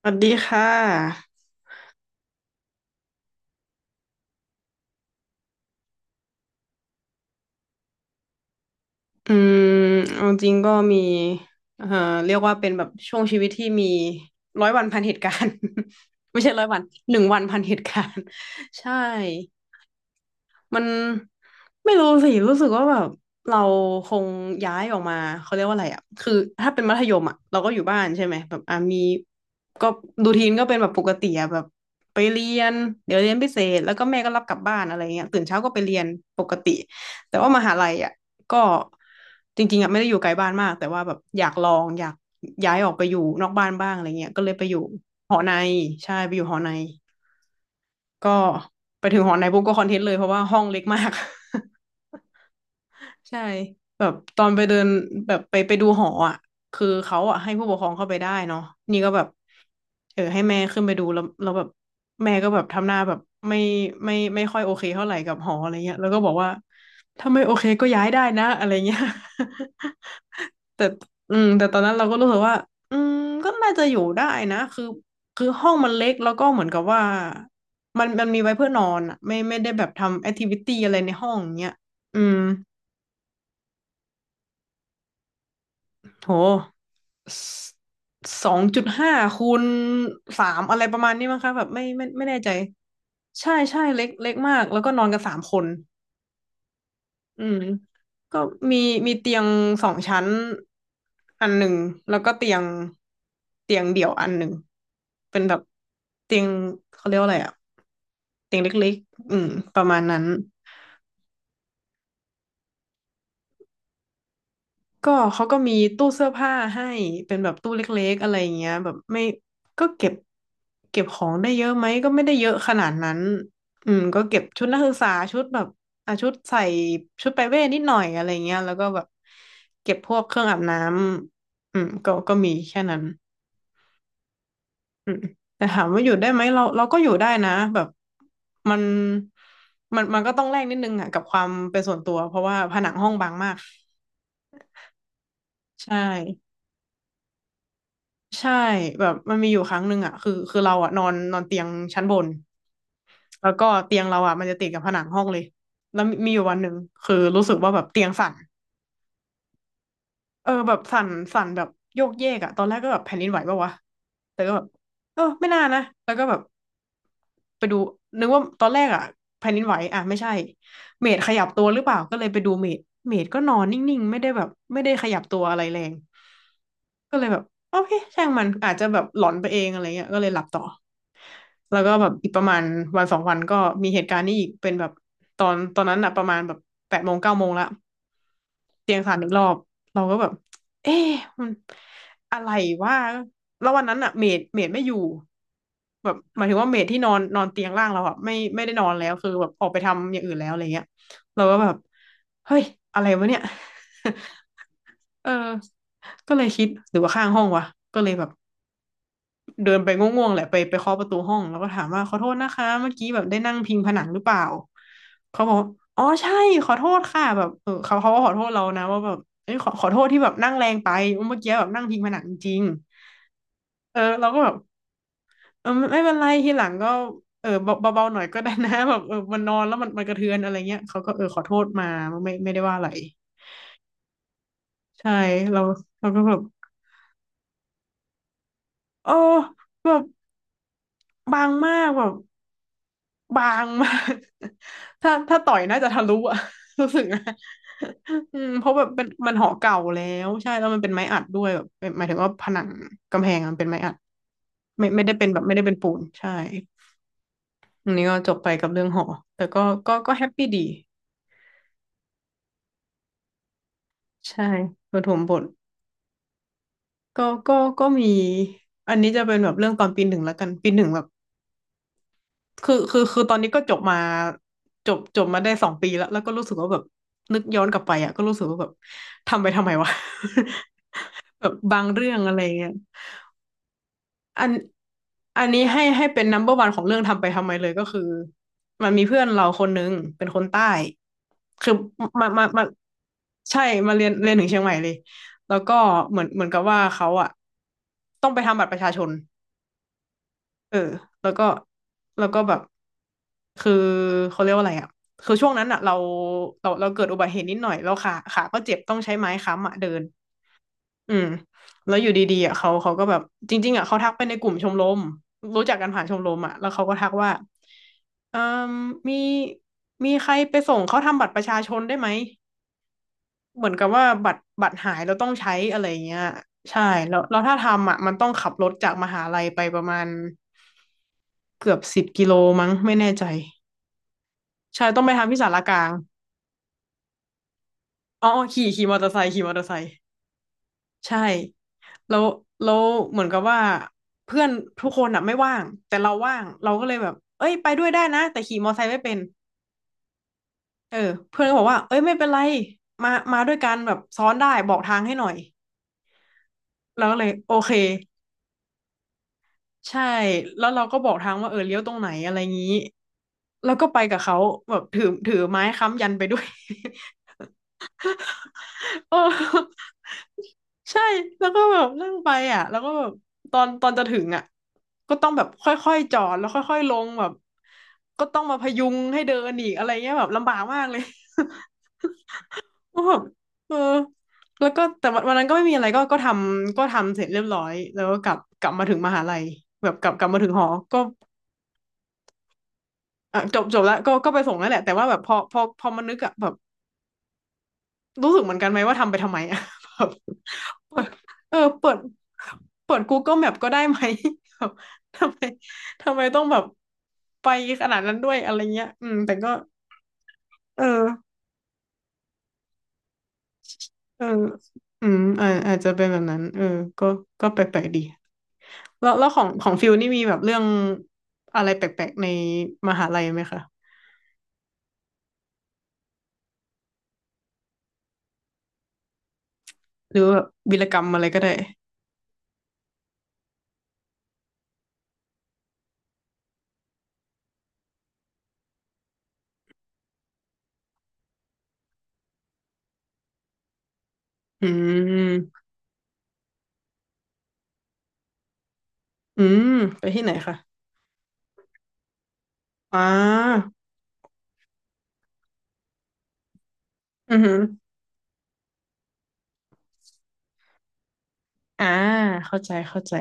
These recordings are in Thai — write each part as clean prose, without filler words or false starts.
สวัสดีค่ะอืมเอาจริงก็มีเอ่อเรียกว่าเป็นแบบช่วงชีวิตที่มีร้อยวันพันเหตุการณ์ ไม่ใช่ร้อยวันหนึ่งวันพันเหตุการณ์ ใช่ มันไม่รู้สิรู้สึกว่าแบบเราคงย้ายออกมาเขาเรียกว่าอะไรอ่ะคือถ้าเป็นมัธยมอ่ะเราก็อยู่บ้านใช่ไหมแบบอ่ะมีก็รูทีนก็เป็นแบบปกติอ่ะแบบไปเรียนเดี๋ยวเรียนพิเศษแล้วก็แม่ก็รับกลับบ้านอะไรเงี้ยตื่นเช้าก็ไปเรียนปกติแต่ว่ามหาลัยอ่ะก็จริงๆอ่ะไม่ได้อยู่ไกลบ้านมากแต่ว่าแบบอยากลองอยากย้ายออกไปอยู่นอกบ้านบ้างอะไรเงี้ยก็เลยไปอยู่หอในใช่ไปอยู่หอใน ก็ไปถึงหอในปุ๊บก็คอนเทนต์เลยเพราะว่าห้องเล็กมาก ใช่แบบตอนไปเดินแบบไปดูหออ่ะคือเขาอ่ะให้ผู้ปกครองเข้าไปได้เนาะนี่ก็แบบเออให้แม่ขึ้นไปดูแล้วแล้วแบบแม่ก็แบบทำหน้าแบบไม่ไม่ค่อยโอเคเท่าไหร่กับหออะไรเงี้ยแล้วก็บอกว่าถ้าไม่โอเคก็ย้ายได้นะอะไรเงี้ย แต่แต่ตอนนั้นเราก็รู้สึกว่าอืมก็น่าจะอยู่ได้นะคือห้องมันเล็ก แล้วก็เหมือนกับว่า มันมีไว้เพื่อนอนอะไม่ได้แบบทำแอคทิวิตี้อะไรในห้องเนี้ยอืมโห2.5 คูณ 3อะไรประมาณนี้มั้งคะแบบไม่แน่ใจ ใช่ใช่เล็กเล็กมาก แล้วก็นอนกัน3 คน อืมก็มีมีเตียงสองชั้นอันหนึ่งแล้วก็เตียงเดี่ยวอันหนึ่งเป็นแบบเตียงเขาเรียกว่าอะไรอะเตียงเล็กๆประมาณนั้น ก็เขาก็มีตู้เสื้อผ้าให้เป็นแบบตู้เล็กๆอะไรอย่างเงี้ยแบบไม่ก็เก็บของได้เยอะไหมก็ไม่ได้เยอะขนาดนั้นก็เก็บชุดนักศึกษาชุดแบบอ่ะชุดใส่ชุดไปเว่นิดหน่อยอะไรเงี้ยแล้วก็แบบเก็บพวกเครื่องอาบน้ำก็มีแค่นั้นอืมแต่ถามว่าอยู่ได้ไหมเราก็อยู่ได้นะแบบมันมันก็ต้องแลกนิดนึงอ่ะกับความเป็นส่วนตัวเพราะว่าผนังห้องบางมากใช่ ใช่แบบมันมีอยู่ครั้งหนึ่งอ่ะคือเราอ่ะนอนนอนเตียงชั้นบนแล้วก็เตียงเราอ่ะมันจะติดกับผนังห้องเลยแล้วมีอยู่วันหนึ่งคือรู้สึกว่าแบบเตียงสั่นเออแบบสั่นสั่นแบบโยกเยกอะตอนแรกก็แบบแผ่นดินไหวปะวะแต่ก็แบบเออไม่น่านะแล้วก็แบบไปดูนึกว่าตอนแรกอ่ะแผ่นดินไหวอะไม่ใช่เมดขยับตัวหรือเปล่าก็เลยไปดูเมดเมดก็นอนนิ่งๆไม่ได้แบบไม่ได้ขยับตัวอะไรแรงก็เลยแบบโอเคช่างมันอาจจะแบบหลอนไปเองอะไรเงี้ยก็เลยหลับต่อ แล้วก็แบบอีกประมาณวันสองวันก็มีเหตุการณ์นี้อีกเป็นแบบตอนนั้นอะประมาณแบบ8 โมง 9 โมงละเตียงสั่นอีกรอบเราก็แบบเอ๊ะมันอะไรวะแล้ววันนั้นอะเมดไม่อยู่แบบหมายถึงว่าเมดที่นอนนอนเตียงล่างเราอะไม่ได้นอนแล้วคือแบบออกไปทำอย่างอื่นแล้วอะไรเงี้ยเราก็แบบเฮ้ยอะไรวะเนี่ย เออก็เลยคิดหรือว่าข้างห้องวะก็เลยแบบ เดินไปง่วงๆแหละไปเคาะประตูห้องแล้วก็ถามว่าขอโทษนะคะเมื่อกี้แบบได้นั่งพิงผนังหรือเปล่าเขาบอกว่าอ๋อใช่ขอโทษค่ะแบบเออเขาก็ขอโทษเรานะว่าแบบเอ้ยขอโทษที่แบบนั่งแรงไปเมื่อกี้แบบนั่งพิงผนังจริงๆเออเราก็แบบเออไม่เป็นไรทีหลังก็เออเบาเบาๆหน่อยก็ได้นะ แบบเออมันนอนแล้วมันกระเทือนอะไรเงี้ยเขาก็เออขอโทษมาไม่ได้ว่าอะไรใช่เราเราก็แบบเออแบบบางมากแบบ บางมาก ถ้าต่อยน่าจะทะลุอะ รู้สึกนะ อืมเพราะแบบเป็นมันหอเก่าแล้วใช่แล้วมันเป็นไม้อัดด้วยแบบเป็นหมายถึงว่าผนังกำแพงอะมันเป็นไม้อัดไม่ได้เป็นแบบไม่ได้เป็นปูนใช่อันนี้ก็จบไปกับเรื่องหอแต่ก็ก็แฮปปี้ดีใช่ประถมบทก็ก็มีอันนี้จะเป็นแบบเรื่องตอนปีหนึ่งแล้วกันปีหนึ่งแบบ คือตอนนี้ก็จบมาจบมาได้2 ปีแล้วแล้วก็รู้สึกว่าแบบนึกย้อนกลับไปอ่ะก็รู้สึกว่าแบบทำไปทำไมวะ แบบบางเรื่องอะไรเงี้ยอันอันนี้ให้เป็น number one ของเรื่องทำไปทำไมเลยก็คือมันมีเพื่อนเราคนนึงเป็นคนใต้คือมาใช่มาเรียนถึงเชียงใหม่เลยแล้วก็เหมือนกับว่าเขาอ่ะต้องไปทำบัตรประชาชน เออแล้วก็แบบคือเขาเรียกว่าอะไรอ่ะคือช่วงนั้นอ่ะเราเกิดอุบัติเหตุนิดหน่อยแล้วขาก็เจ็บต้องใช้ไม้ค้ำอ่ะเดินอืมแล้วอยู่ดีๆอ่ะเขาก็แบบจริงๆอ่ะเขาทักไปในกลุ่มชมรมรู้จักกันผ่านชมรมอ่ะแล้วเขาก็ทักว่าเอ่มมีใครไปส่งเขาทำบัตรประชาชนได้ไหมเหมือนกับว่าบัตรหายเราต้องใช้อะไรอย่างเงี้ยใช่แล้วแล้วถ้าทำอ่ะมันต้องขับรถจากมหาลัยไปประมาณ เกือบ10 กิโลมั้งไม่แน่ใจใช่ต้องไปทำที่ศาลากลางอ๋อขี่มอเตอร์ไซค์ขี่มอเตอร์ไซค์ใช่แล้วแล้วเหมือนกับว่าเพื่อนทุกคนอ่ะไม่ว่างแต่เราว่างเราก็เลยแบบเอ้ยไปด้วยได้นะแต่ขี่มอเตอร์ไซค์ไม่เป็นเออเพื่อนก็บอกว่าเอ้ยไม่เป็นไรมาด้วยกันแบบซ้อนได้บอกทางให้หน่อยเราก็เลยโอเคใช่แล้วเราก็บอกทางว่าเออเลี้ยวตรงไหนอะไรงี้แล้วก็ไปกับเขาแบบถือไม้ค้ำยันไปด้วย เออ ใช่แล้วก็แบบนั่งไปอ่ะแล้วก็แบบตอนจะถึงอ่ะก็ต้องแบบค่อยๆจอดแล้วค่อยๆลงแบบก็ต้องมาพยุงให้เดินอีกอะไรเงี้ยแบบลำบากมากเลย ก็แบบเออแล้วก็แต่วันนั้นก็ไม่มีอะไรก็ทำเสร็จเรียบร้อยแล้วก็กลับมาถึงมหาลัยแบบกลับมาถึงหอก็อ่ะจบแล้วก็ไปส่งแล้วแหละแต่ว่าแบบพอมันนึกอ่ะแบบรู้สึกเหมือนกันไหมว่าทำไปทำไมอ่ะ แบบ เปิดเออเปิดเปิด Google Map ก็ได้ไหม แบบทำไมต้องแบบไปขนาดนั้นด้วยอะไรเงี้ยอืมแต่ก็เออเอออืมอาจจะเป็นแบบนั้นเออก็ก็แปลกๆดีแล้วของฟิลนี่มีแบบเรื่องอะไรแปลกๆในมหาลัยไหมคะหรือว่าแบบวีรกรรมอะไรก็ได้อืมอืมไปที่ไหนคะอ่าอือหืออ่าเข้าใจเข้าใจ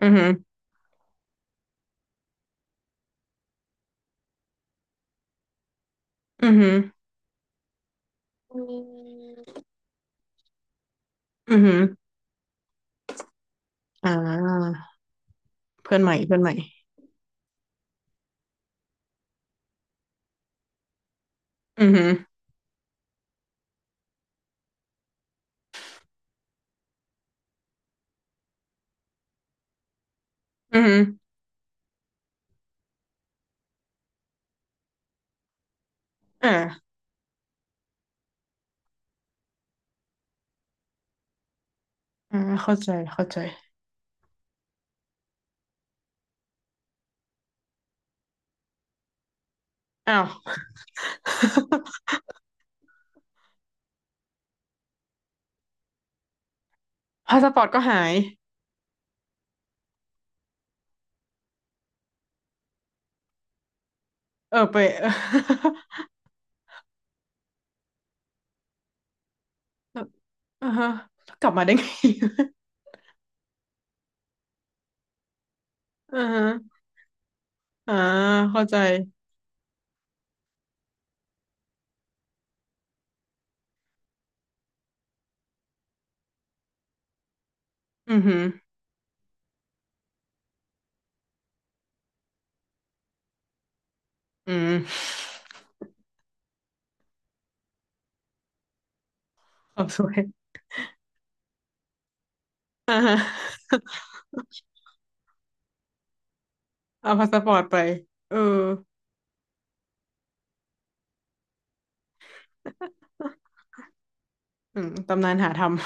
อือหืออือหืออืมอือหือ อ่าเพื่อนใหม่เพื่อนใหม่อือหืออือหืออ่าอ่าเข้าใจเข้าใจอ้าว พาสปอร์ตก็หายเออไป เอออ่าฮะกลับมาได้ไง อ่าฮะอ่าเข้าใจอือหืออืม ขอบสวยเอาพาสปอร์ตไปเออ อืมตำนานหาทำ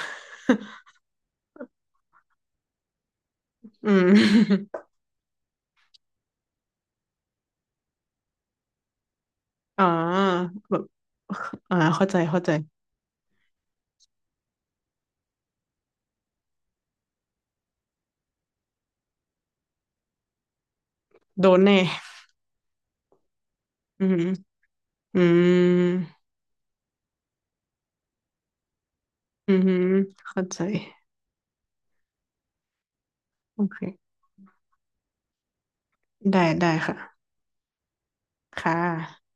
อืม อ่าแบบอ่าเข้าใจเข้าใจโดนแน่อืมอืม อือหือเข้าใจโอเคได้ได้ค่ะค่ะ